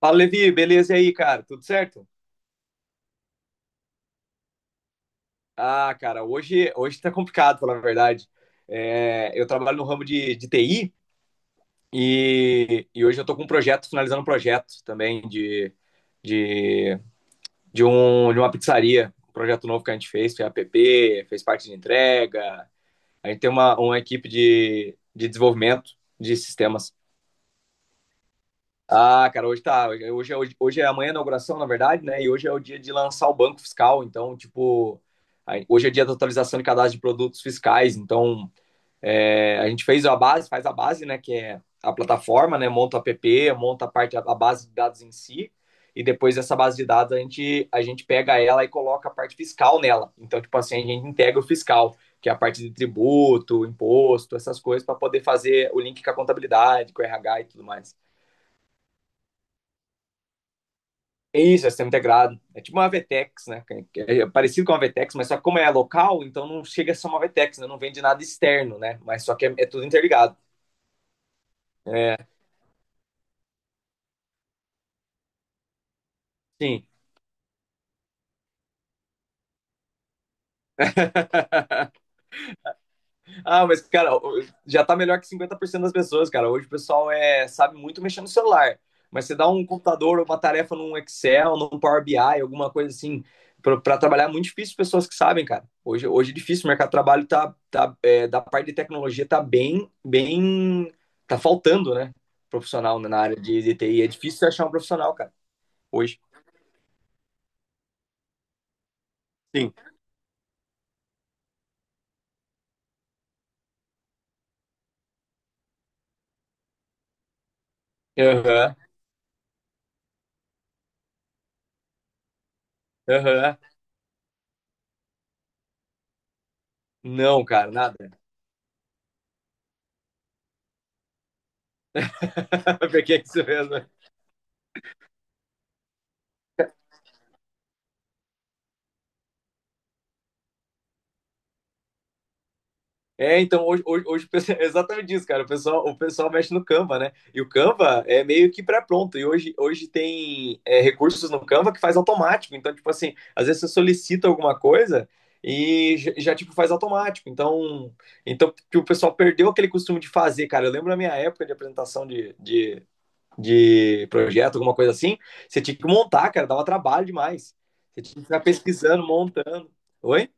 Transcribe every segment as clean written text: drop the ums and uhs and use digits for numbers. Fala, Levi, beleza e aí, cara? Tudo certo? Ah, cara, hoje, hoje tá complicado, falar a verdade. É, eu trabalho no ramo de TI e hoje eu tô com um projeto, finalizando um projeto também de, de uma pizzaria. Um projeto novo que a gente fez app, fez parte de entrega. A gente tem uma equipe de desenvolvimento de sistemas. Ah, cara, hoje tá. Hoje é amanhã a inauguração, na verdade, né? E hoje é o dia de lançar o banco fiscal. Então, tipo, hoje é dia da atualização de cadastro de produtos fiscais. Então, é, a gente fez a base, faz a base, né? Que é a plataforma, né? Monta o app, monta a parte, a base de dados em si. E depois dessa base de dados, a gente pega ela e coloca a parte fiscal nela. Então, tipo assim, a gente integra o fiscal, que é a parte de tributo, imposto, essas coisas, para poder fazer o link com a contabilidade, com o RH e tudo mais. Isso, é sistema integrado. É tipo uma VTEX, né? É parecido com uma VTEX, mas só que como é local, então não chega a ser uma VTEX, né? Não vende nada externo, né? Mas só que é tudo interligado. É, sim. Ah, mas, cara, já tá melhor que 50% das pessoas, cara. Hoje o pessoal é, sabe muito mexer no celular. Mas você dá um computador ou uma tarefa num Excel, num Power BI, alguma coisa assim, pra trabalhar, é muito difícil pessoas que sabem, cara. Hoje é difícil, o mercado de trabalho tá, da parte de tecnologia tá bem, tá faltando, né? Profissional na área de TI. É difícil você achar um profissional, cara, hoje. Sim. Aham, aham. Não, cara, nada. Por que que você fez? Né? É, então hoje o pessoal- é exatamente isso, cara. O pessoal mexe no Canva, né? E o Canva é meio que pré-pronto. E hoje tem é, recursos no Canva que faz automático. Então, tipo assim, às vezes você solicita alguma coisa e já, tipo faz automático. Então, então tipo, o pessoal perdeu aquele costume de fazer, cara. Eu lembro na minha época de apresentação de projeto, alguma coisa assim, você tinha que montar, cara. Dava trabalho demais. Você tinha que ficar pesquisando, montando. Oi?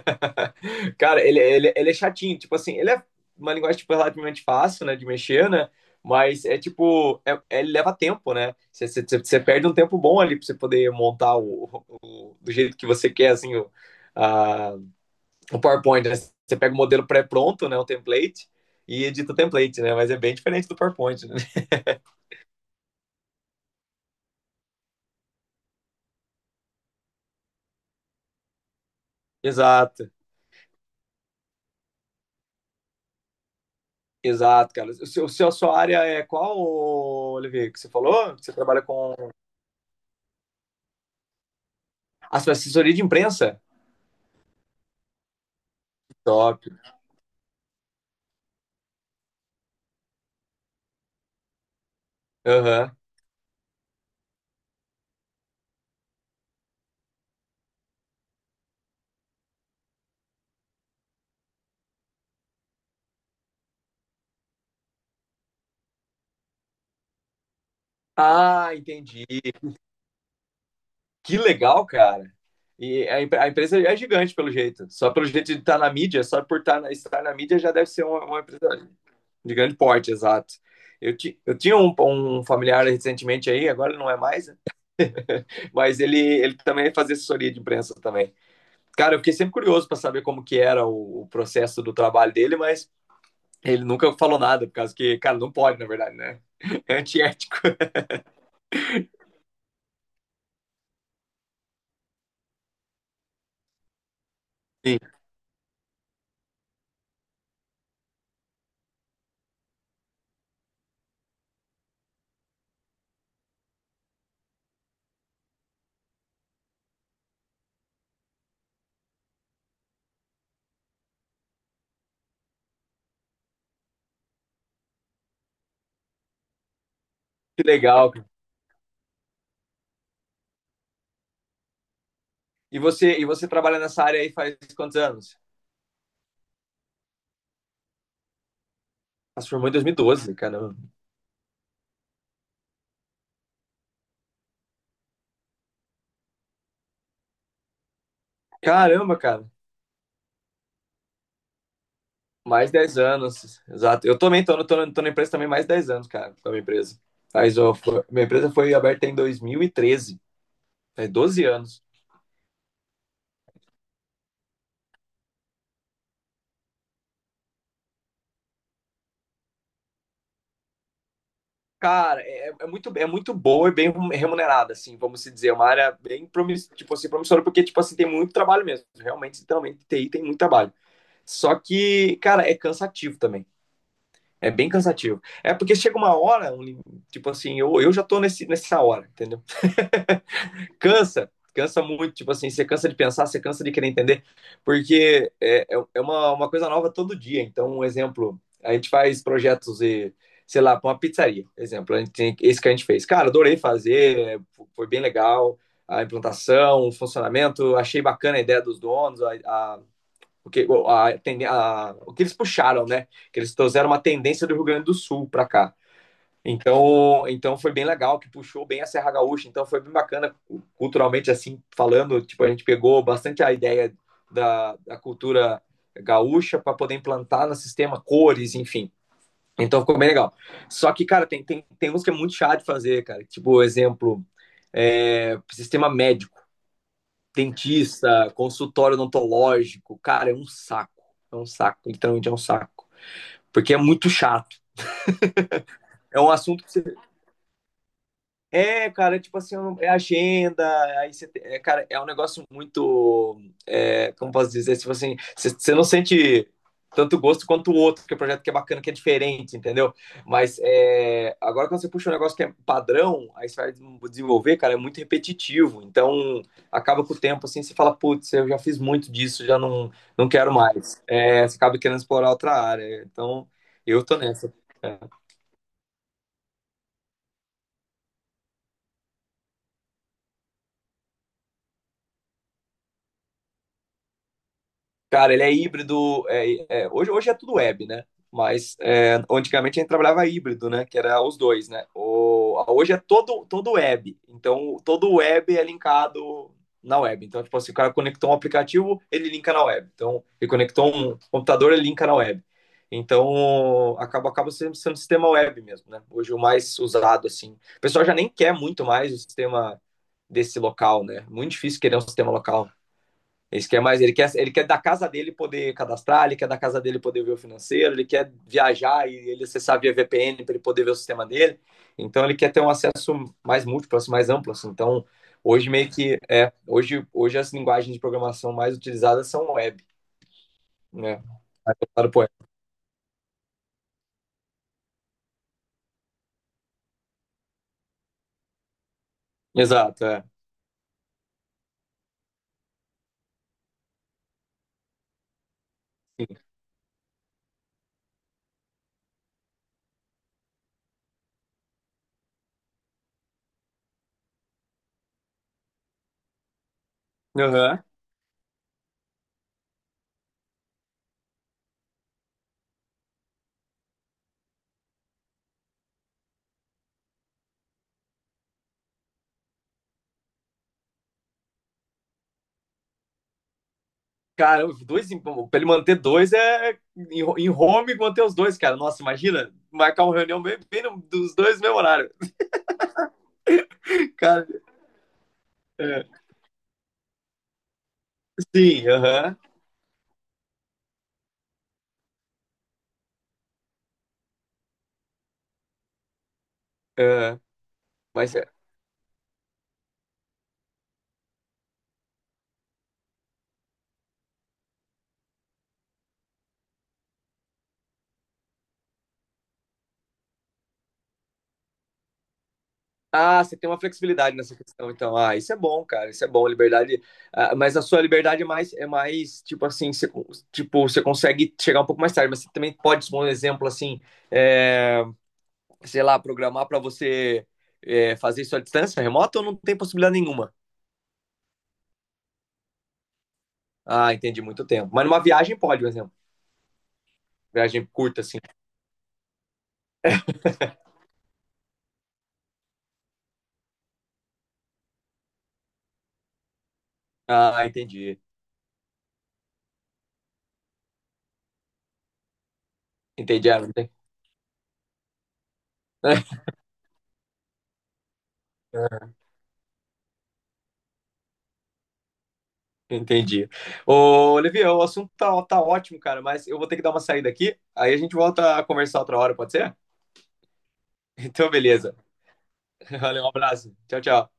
Cara, ele é chatinho, tipo assim, ele é uma linguagem tipo, relativamente fácil, né, de mexer, né? Mas é tipo, ele leva tempo, né? Você perde um tempo bom ali pra você poder montar do jeito que você quer, assim, a- o PowerPoint, né? Você pega o modelo pré-pronto, né, o template, e edita o template, né? Mas é bem diferente do PowerPoint, né? Exato, exato, cara. A sua área é qual, Olivier, que você falou? Que você trabalha com a sua assessoria de imprensa? Top. Aham. Ah, entendi. Que legal, cara. A empresa é gigante, pelo jeito. Só pelo jeito de estar na mídia, só por estar na mídia já deve ser uma empresa de grande porte, exato. Eu tinha um familiar recentemente aí, agora ele não é mais, né? Mas ele também fazia assessoria de imprensa também. Cara, eu fiquei sempre curioso para saber como que era o processo do trabalho dele, mas ele nunca falou nada, por causa que, cara, não pode, na verdade, né? É antiético. Sim. Que legal. E você trabalha nessa área aí faz quantos anos? Ela formou em 2012, caramba. Caramba, cara. Mais 10 anos, exato. Eu também tô na empresa também mais 10 anos, cara, com a minha empresa. Mas ó, minha empresa foi aberta em 2013, faz 12 anos. Cara, é muito, é muito boa e bem remunerada, assim, vamos se dizer. É uma área bem promissora, tipo assim, promissora, porque, tipo assim, tem muito trabalho mesmo. Realmente, literalmente, TI tem muito trabalho. Só que, cara, é cansativo também. É bem cansativo. É porque chega uma hora, tipo assim, eu já tô nessa hora, entendeu? Cansa, cansa muito, tipo assim, você cansa de pensar, você cansa de querer entender, porque é uma coisa nova todo dia. Então, um exemplo, a gente faz projetos e, sei lá, para uma pizzaria, exemplo, a gente tem, esse que a gente fez. Cara, adorei fazer, é, foi bem legal a implantação, o funcionamento, achei bacana a ideia dos donos, o que, a, o que eles puxaram, né? Que eles trouxeram uma tendência do Rio Grande do Sul para cá. Então, então foi bem legal, que puxou bem a Serra Gaúcha, então foi bem bacana culturalmente assim falando, tipo a gente pegou bastante a ideia da cultura gaúcha para poder implantar no sistema cores, enfim. Então ficou bem legal. Só que cara, tem uns que é muito chato de fazer, cara. Tipo, exemplo, é, sistema médico, dentista, consultório odontológico, cara, é um saco. É um saco, literalmente é um saco, porque é muito chato. É um assunto que você. É, cara, tipo assim, eu não- é agenda, aí você, é, cara, é um negócio muito, é, como posso dizer, tipo assim, você não sente tanto gosto quanto o outro, porque o projeto que é bacana, que é diferente, entendeu? Mas é, agora quando você puxa um negócio que é padrão, aí você vai desenvolver, cara, é muito repetitivo, então acaba com o tempo, assim, você fala, putz, eu já fiz muito disso, já não, não quero mais. É, você acaba querendo explorar outra área, então eu tô nessa. É. Cara, ele é híbrido. É, hoje é tudo web, né? Mas é, antigamente a gente trabalhava híbrido, né? Que era os dois, né? Hoje é todo web. Então, todo web é linkado na web. Então, tipo assim, o cara conectou um aplicativo, ele linka na web. Então, ele conectou um computador, ele linka na web. Então, acaba sendo, sendo um sistema web mesmo, né? Hoje o mais usado, assim. O pessoal já nem quer muito mais o sistema desse local, né? Muito difícil querer um sistema local. Ele quer mais, ele quer da casa dele poder cadastrar, ele quer da casa dele poder ver o financeiro, ele quer viajar e ele acessar via VPN para ele poder ver o sistema dele. Então ele quer ter um acesso mais múltiplo, assim, mais amplo. Assim. Então hoje meio que é, hoje as linguagens de programação mais utilizadas são web, né? Exato, é. Uhum. Cara, dois para ele manter dois é em home manter os dois, cara. Nossa, imagina marcar uma reunião bem no dos dois no mesmo horário. Cara, é. Sim, aham. Uhum. É, mas é. Ah, você tem uma flexibilidade nessa questão, então. Ah, isso é bom, cara. Isso é bom, liberdade. Ah, mas a sua liberdade é mais tipo assim, tipo, você consegue chegar um pouco mais tarde, mas você também pode, por um exemplo, assim, é, sei lá, programar para você é, fazer isso à distância, remota, ou não tem possibilidade nenhuma? Ah, entendi, muito tempo. Mas numa viagem pode, por exemplo. Viagem curta, assim. Ah, entendi. Entendi, ah, não tem. Entendi. Ô, Olivia, o assunto tá ótimo, cara, mas eu vou ter que dar uma saída aqui, aí a gente volta a conversar outra hora, pode ser? Então, beleza. Valeu, um abraço. Tchau, tchau.